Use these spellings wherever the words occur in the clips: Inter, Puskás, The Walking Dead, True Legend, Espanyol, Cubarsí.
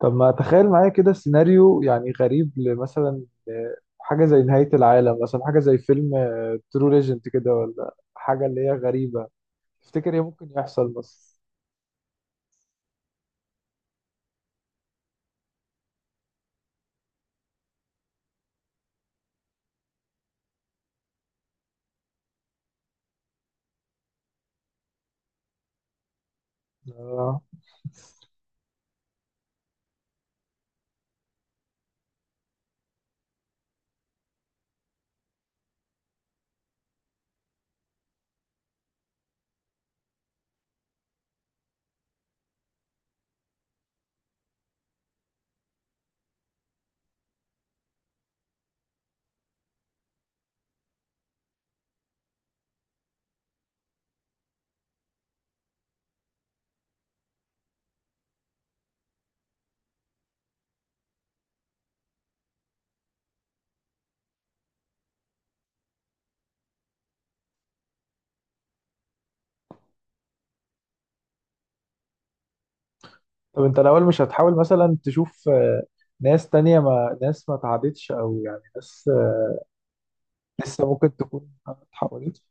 طب ما تخيل معايا كده سيناريو يعني غريب لمثلا حاجة زي نهاية العالم مثلا، حاجة زي فيلم ترو ليجنت كده ولا حاجة اللي هي غريبة. تفتكر ايه ممكن يحصل بس؟ آه. طب انت الأول مش هتحاول مثلا تشوف ناس تانية، ما ناس ما تعبتش، أو يعني ناس، لسه ممكن تكون ما اتحولتش؟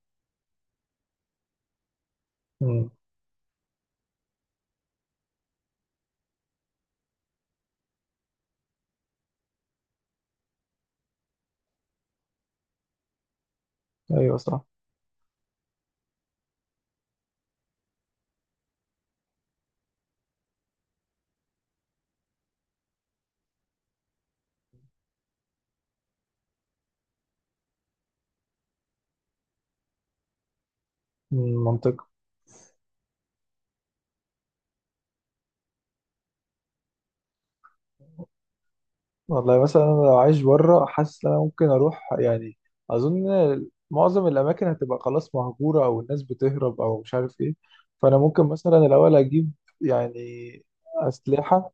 مم. أيوه صح. مم، منطقي. والله مثلا انا لو عايش بره، حاسس ان انا ممكن اروح يعني. اظن معظم الاماكن هتبقى خلاص مهجوره، او الناس بتهرب او مش عارف ايه. فانا ممكن مثلا الاول اجيب يعني اسلحه.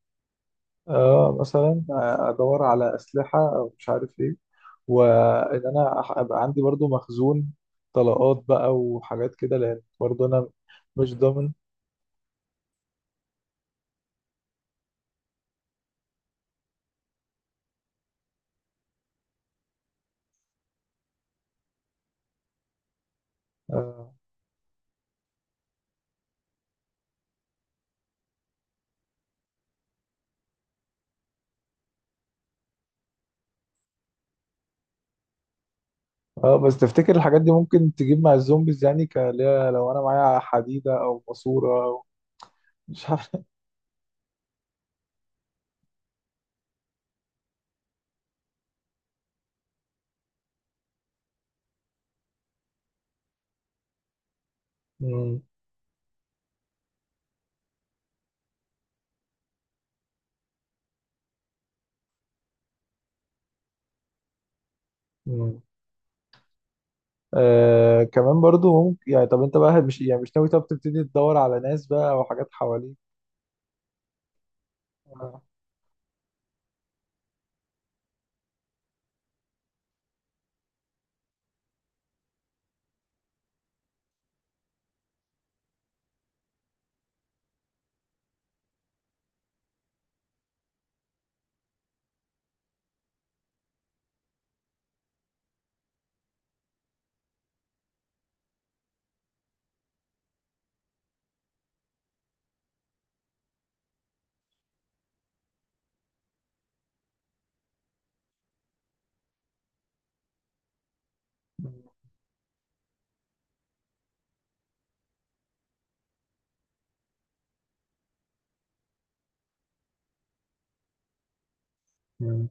اه مثلا، ادور على اسلحه او مش عارف ايه، وان انا ابقى عندي برضو مخزون طلقات بقى وحاجات كده، لان برضو انا مش ضامن. اه. بس تفتكر الحاجات دي ممكن تجيب مع الزومبيز يعني، اللي هي لو انا معايا حديدة او ماسورة؟ مش عارف. مم. مم. آه كمان برضو ممكن يعني، طب انت بقى مش يعني مش ناوي طب تبتدي تدور على ناس بقى او حاجات حواليك؟ آه. مم.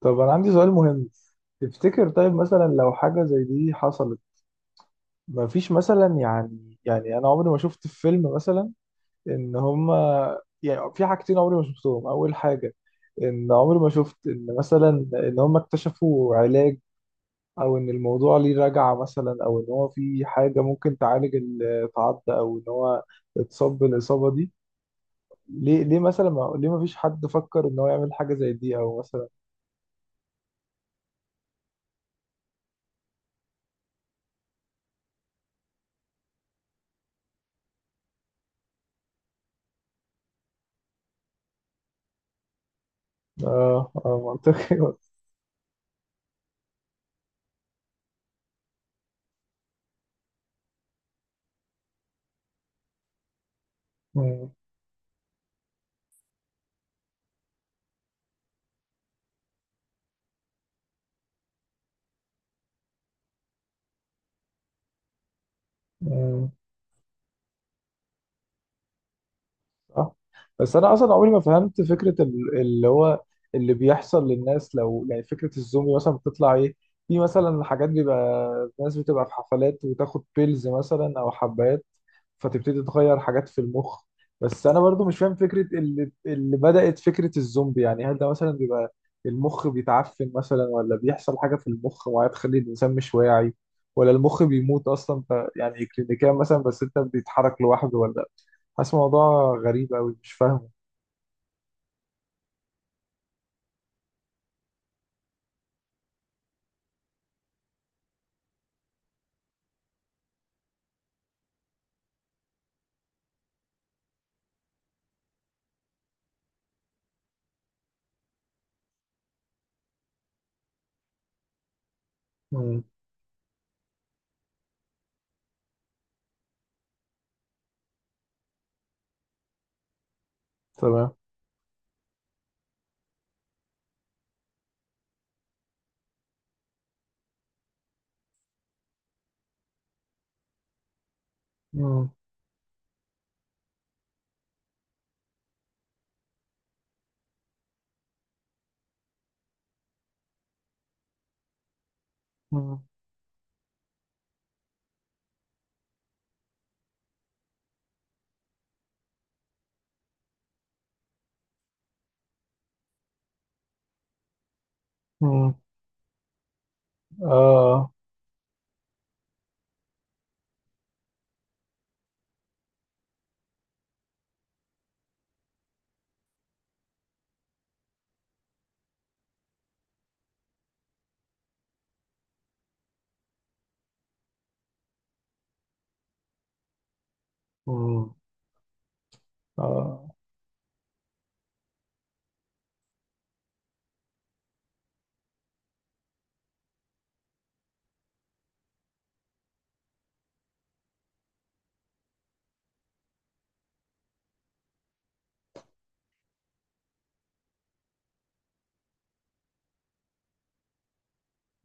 طب انا عندي سؤال مهم. تفتكر طيب مثلا لو حاجة زي دي حصلت، مفيش مثلا يعني يعني انا عمري ما شفت في فيلم مثلا ان هما، يعني في حاجتين عمري ما شفتهم. اول حاجة ان عمري ما شفت ان مثلا ان هما اكتشفوا علاج، او ان الموضوع ليه رجعة مثلا، او ان هو في حاجة ممكن تعالج التعض، او ان هو اتصاب بالاصابة دي. ليه ليه مثلا ما ليه ما فيش حد فكر ان هو يعمل حاجة زي دي او مثلا؟ اه اه منطقي. صح. بس انا اصلا عمري ما فهمت فكره اللي هو اللي بيحصل للناس، لو يعني فكره الزومبي مثلا بتطلع ايه. في مثلا حاجات بيبقى ناس بتبقى في حفلات وتاخد بيلز مثلا او حبات، فتبتدي تغير حاجات في المخ. بس انا برضو مش فاهم فكره اللي بدات فكره الزومبي. يعني هل ده مثلا بيبقى المخ بيتعفن مثلا، ولا بيحصل حاجه في المخ معينه تخلي الانسان مش واعي، ولا المخ بيموت اصلا يعني كلينيكيا مثلا، بس انت بتتحرك لوحده، ولا؟ حاسس الموضوع غريب أوي مش فاهمه. مم. تمام. مم. مم. مم. آه. مم. آه.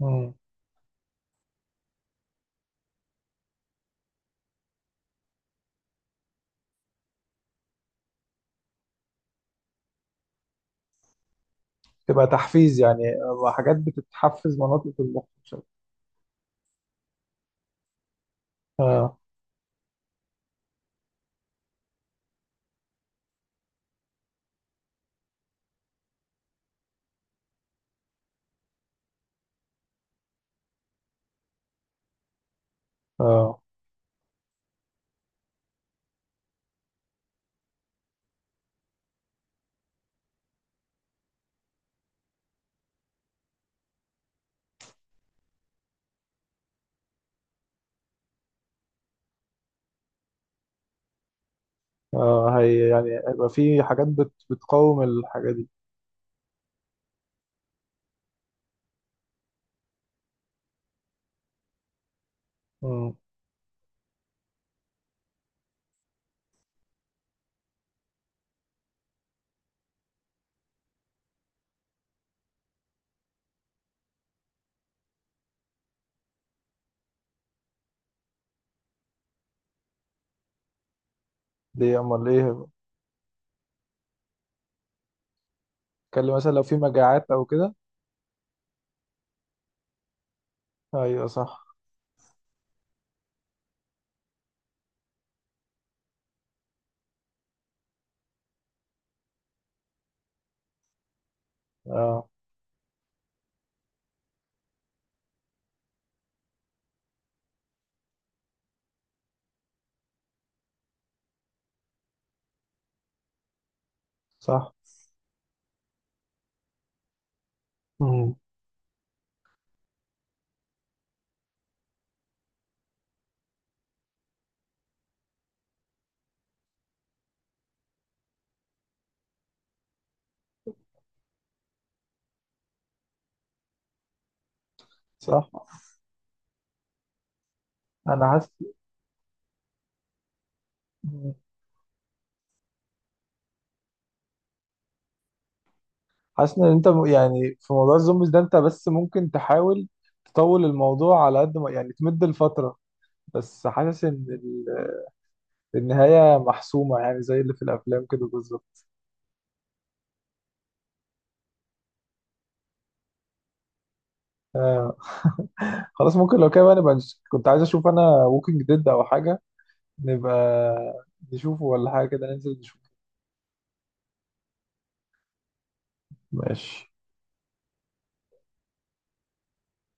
مم. تبقى تحفيز يعني، حاجات بتتحفز مناطق المخ مش عارف. آه. آه. آه هي يعني هيبقى في حاجات بتقاوم الحاجة دي. مم. دي أمال إيه؟ اتكلم مثلا لو في مجاعات أو كده؟ أيوه صح. آه. صح. مم. صح. أنا حاسس، حاسس ان انت يعني في موضوع الزومبيز ده انت بس ممكن تحاول تطول الموضوع على قد ما يعني، تمد الفترة. بس حاسس ان النهاية محسومة، يعني زي اللي في الافلام كده بالظبط. آه. خلاص ممكن لو كده بقى نبقى كنت عايز اشوف انا ووكينج ديد او حاجة، نبقى نشوفه ولا حاجة كده، ننزل نشوفه. ماشي.